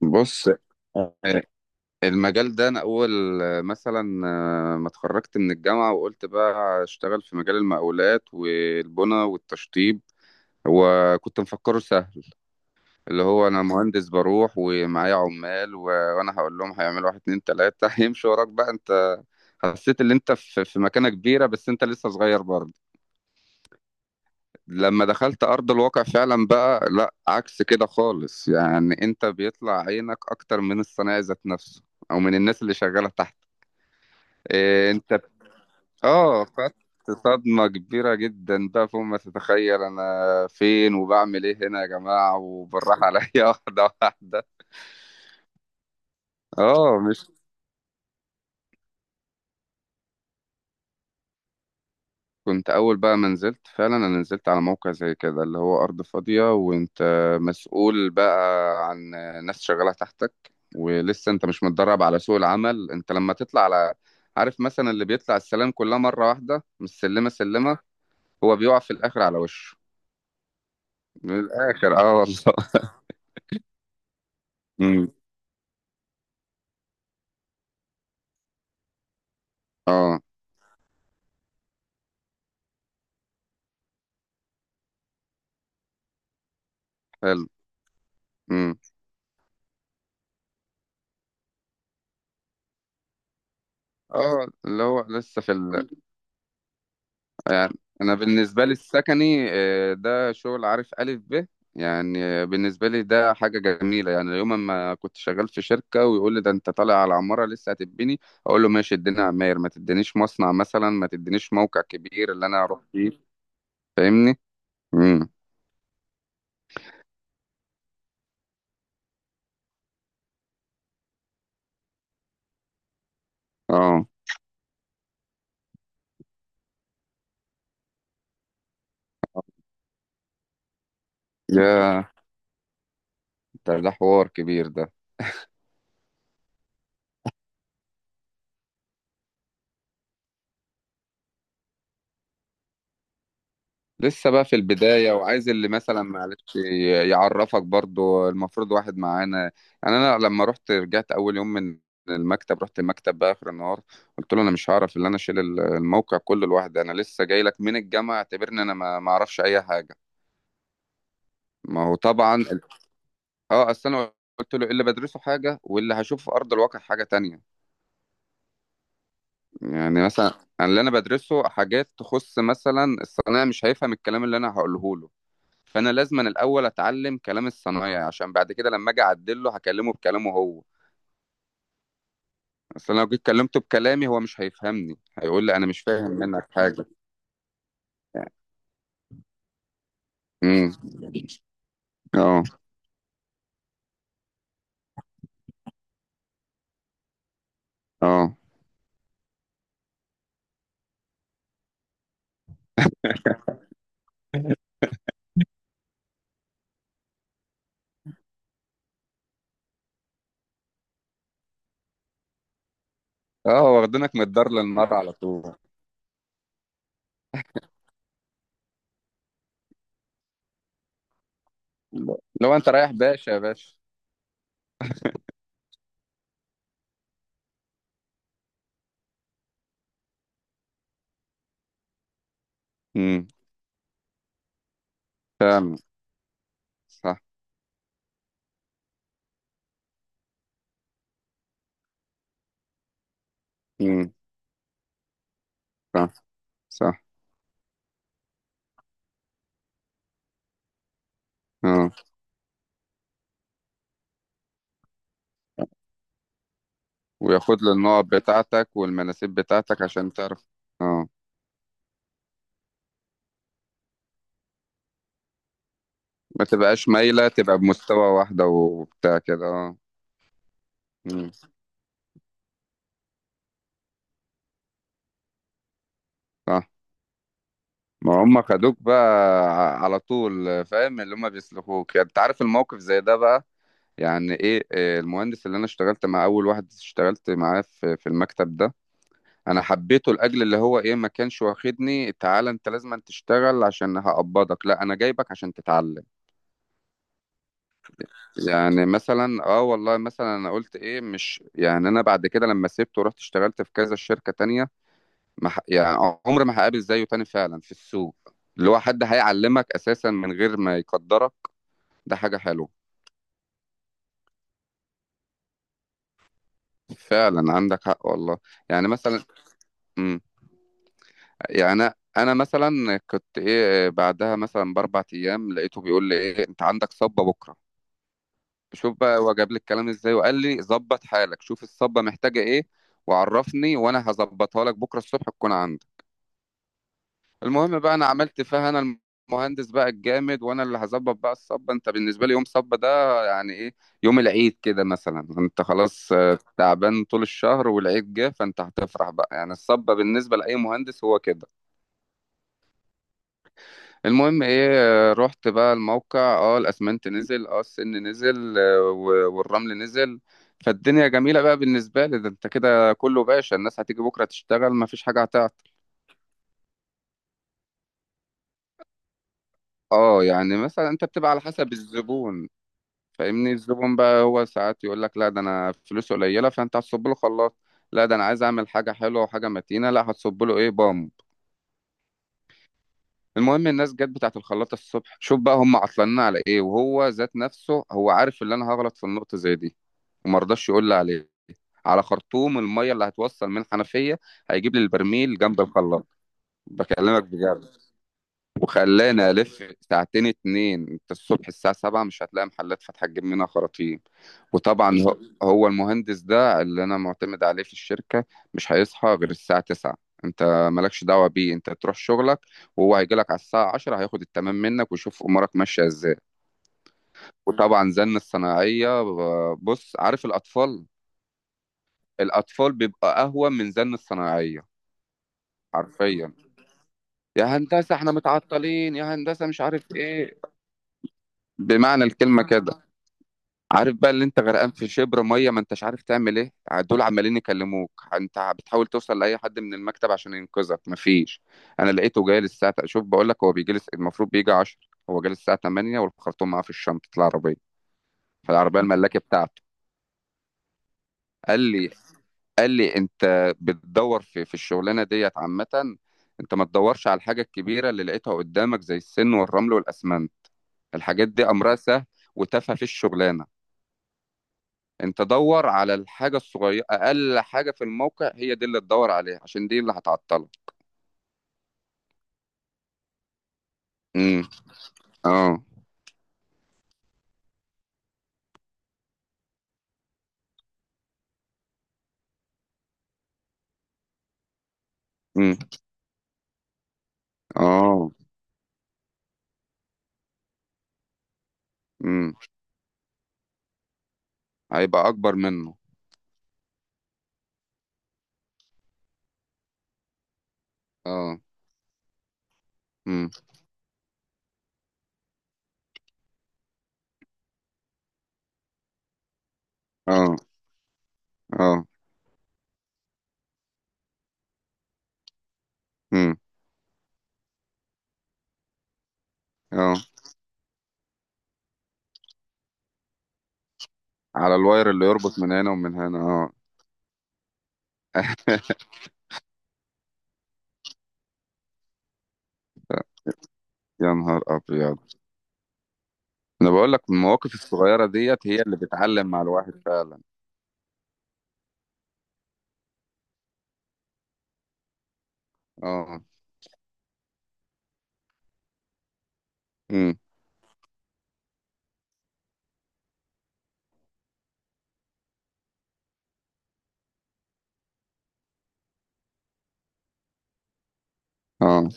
بص. آه، آه، المجال ده انا اول مثلا، ما اتخرجت من الجامعه وقلت بقى اشتغل في مجال المقاولات والبنى والتشطيب. وكنت مفكره سهل، اللي هو انا مهندس بروح ومعايا عمال وانا هقول لهم هيعملوا واحد اتنين تلاته هيمشوا وراك بقى انت. حسيت ان انت في مكانه كبيره بس انت لسه صغير برضه. لما دخلت ارض الواقع فعلا بقى لا، عكس كده خالص، يعني انت بيطلع عينك اكتر من الصنايعي ذات نفسه او من الناس اللي شغاله تحت. إيه انت بت- اه، خدت صدمة كبيرة جدا بقى فوق ما تتخيل. انا فين وبعمل ايه هنا يا جماعة، وبالراحة عليا واحدة واحدة. اه مش. كنت اول بقى ما نزلت فعلا، انا نزلت على موقع زي كده اللي هو ارض فاضية وانت مسؤول بقى عن ناس شغالة تحتك، ولسه انت مش متدرب على سوق العمل. انت لما تطلع على، عارف مثلا اللي بيطلع السلام كلها مرة واحدة مش سلمة سلمة، هو بيقع في الاخر على وشه. من الاخر اه والله. اه، حلو. امم اه اللي هو لسه في يعني انا بالنسبه لي السكني، ده شغل عارف الف ب، يعني بالنسبه لي ده حاجه جميله. يعني يوم ما كنت شغال في شركه ويقول لي ده انت طالع على عماره لسه هتبني، اقول له ماشي اديني عماير، ما تدينيش مصنع مثلا، ما تدينيش موقع كبير اللي انا اروح فيه. فاهمني. امم اه، يا ده ده حوار كبير ده. لسه بقى في البداية وعايز اللي مثلا معلش يعرفك برضو، المفروض واحد معانا. يعني أنا لما رحت، رجعت أول يوم من المكتب، رحت المكتب بقى آخر النهار قلت له أنا مش هعرف اللي أنا أشيل الموقع كله لوحدي. أنا لسه جاي لك من الجامعة، اعتبرني أنا ما أعرفش أي حاجة. ما هو طبعا. أه أصل أنا قلت له إيه، اللي بدرسه حاجة واللي هشوفه في أرض الواقع حاجة تانية. يعني مثلا أنا اللي أنا بدرسه حاجات تخص مثلا الصنايعي مش هيفهم الكلام اللي أنا هقوله له. فانا لازم أنا الاول اتعلم كلام الصنايعي عشان بعد كده لما اجي اعدله هكلمه بكلامه هو. اصل أنا لو جيت كلمته بكلامي هو مش هيفهمني، هيقول لي انا مش فاهم منك حاجه. امم اه، اه، اه، هو واخدينك من الدار للنار على طول. لو انت رايح باشا يا باشا. امم فعلا. صح. امم صح. صح. اه، وياخد له النقط بتاعتك والمناسيب بتاعتك عشان تعرف. اه، ما تبقاش مايله، تبقى بمستوى واحده وبتاع كده اه. امم صح. ما هم خدوك بقى على طول، فاهم اللي هم بيسلخوك. يعني انت عارف الموقف زي ده بقى، يعني ايه. المهندس اللي انا اشتغلت مع، اول واحد اشتغلت معاه في المكتب ده، انا حبيته لاجل اللي هو ايه، ما كانش واخدني تعالى انت لازم أن تشتغل عشان هقبضك، لا انا جايبك عشان تتعلم. يعني مثلا اه والله مثلا انا قلت ايه، مش يعني انا بعد كده لما سبته ورحت اشتغلت في كذا شركة تانية، ما ح... يعني عمري ما هقابل زيه تاني فعلا في السوق، اللي هو حد هيعلمك اساسا من غير ما يقدرك. ده حاجه حلوه. فعلا عندك حق والله. يعني مثلا. امم يعني انا، أنا مثلا كنت ايه، بعدها مثلا باربع ايام لقيته بيقول لي ايه، انت عندك صبه بكره. شوف بقى هو جاب لي الكلام ازاي، وقال لي ظبط حالك شوف الصبه محتاجه ايه وعرفني وانا هظبطها لك بكره الصبح تكون عندك. المهم بقى انا عملت فيها انا المهندس بقى الجامد وانا اللي هظبط بقى الصبه. انت بالنسبه لي يوم صبه ده يعني ايه، يوم العيد كده مثلا. انت خلاص تعبان طول الشهر والعيد جه فانت هتفرح بقى، يعني الصبه بالنسبه لاي مهندس هو كده. المهم ايه، رحت بقى الموقع، اه الاسمنت نزل، اه السن نزل، و- والرمل نزل. فالدنيا جميله بقى بالنسبه لي، ده انت كده كله باشا، الناس هتيجي بكره تشتغل مفيش حاجه هتعطل. اه يعني مثلا انت بتبقى على حسب الزبون، فاهمني. الزبون بقى هو ساعات يقول لك لا ده انا فلوسه قليله، فانت هتصب له خلاط. لا ده انا عايز اعمل حاجه حلوه وحاجه متينه، لا هتصب له ايه، بامب. المهم الناس جت بتاعه الخلاطه الصبح، شوف بقى هم عطلانين على ايه. وهو ذات نفسه هو عارف ان انا هغلط في النقطه زي دي وما رضاش يقول لي عليه، على خرطوم الميه اللي هتوصل من الحنفيه، هيجيب لي البرميل جنب الخلاط. بكلمك بجد. وخلاني الف ساعتين اتنين، انت الصبح الساعه 7 مش هتلاقي محلات فاتحه تجيب منها خراطيم. وطبعا هو، هو المهندس ده اللي انا معتمد عليه في الشركه مش هيصحى غير الساعه 9. انت مالكش دعوه بيه، انت تروح شغلك وهو هيجي لك على الساعه 10، هياخد التمام منك ويشوف امورك ماشيه ازاي. وطبعا زن الصناعيه بص عارف الاطفال، الاطفال بيبقى اهون من زن الصناعيه. حرفيا، يا هندسه احنا متعطلين، يا هندسه مش عارف ايه، بمعنى الكلمه كده. عارف بقى اللي انت غرقان في شبر ميه ما انتش عارف تعمل ايه، دول عمالين يكلموك، انت بتحاول توصل لاي حد من المكتب عشان ينقذك مفيش. انا لقيته جاي الساعه، شوف بقول لك، هو المفروض بيجي 10، هو جاي الساعه 8 والخرطوم معاه في الشنطه، العربيه، في العربيه الملاكه بتاعته. قال لي، قال لي انت بتدور في الشغلانه ديت عامه. انت ما تدورش على الحاجه الكبيره اللي لقيتها قدامك زي السن والرمل والاسمنت، الحاجات دي امرها سهل وتافهه في الشغلانه. انت دور على الحاجه الصغيره، اقل حاجه في الموقع هي دي اللي تدور عليها عشان دي اللي هتعطلك. امم اه. امم اه. امم هيبقى اكبر منه. اه. امم اه. اه. امم اه، على الواير اللي يربط من هنا ومن هنا اه. يا نهار ابيض. انا بقول لك المواقف الصغيره ديت هي اللي بتعلم مع الواحد فعلا. اه امم اه،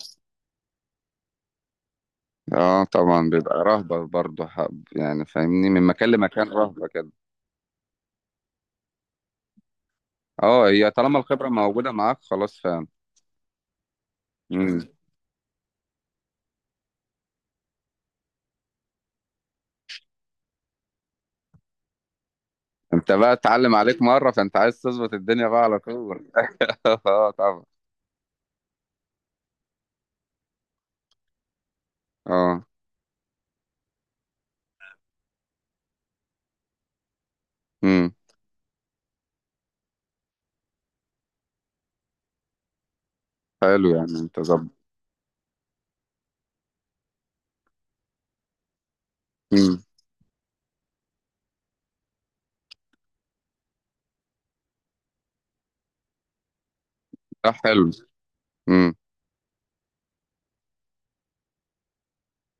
اه طبعا بيبقى رهبه برضه حب، يعني فاهمني من مكان لمكان رهبه كده. اه، هي طالما الخبرة موجودة معاك خلاص فاهم. مم. انت بقى اتعلم عليك مرة فانت عايز تظبط الدنيا بقى على طول. اه طبعا. اه امم حلو، يعني انت ظبط. امم ده حلو. امم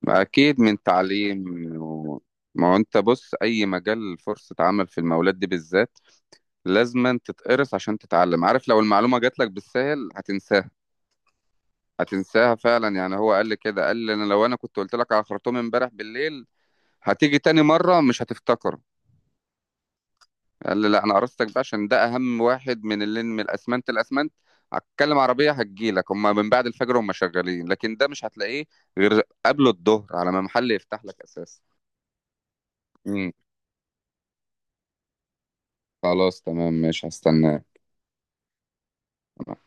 اكيد من تعليم و... ما هو انت بص، اي مجال فرصة عمل في المولات دي بالذات لازم تتقرص عشان تتعلم. عارف لو المعلومة جات لك بالسهل هتنساها، هتنساها فعلا. يعني هو قال لي كده، قال لي انا لو انا كنت قلت لك على خرطوم امبارح بالليل هتيجي تاني مرة مش هتفتكر. قال لي لا انا قرصتك ده عشان ده اهم واحد من اللي، من الاسمنت. الاسمنت هتكلم عربيه، هتجيلك هم من بعد الفجر هم شغالين، لكن ده مش هتلاقيه غير قبل الظهر، على ما محل يفتح لك اساسا. امم خلاص تمام مش هستناه.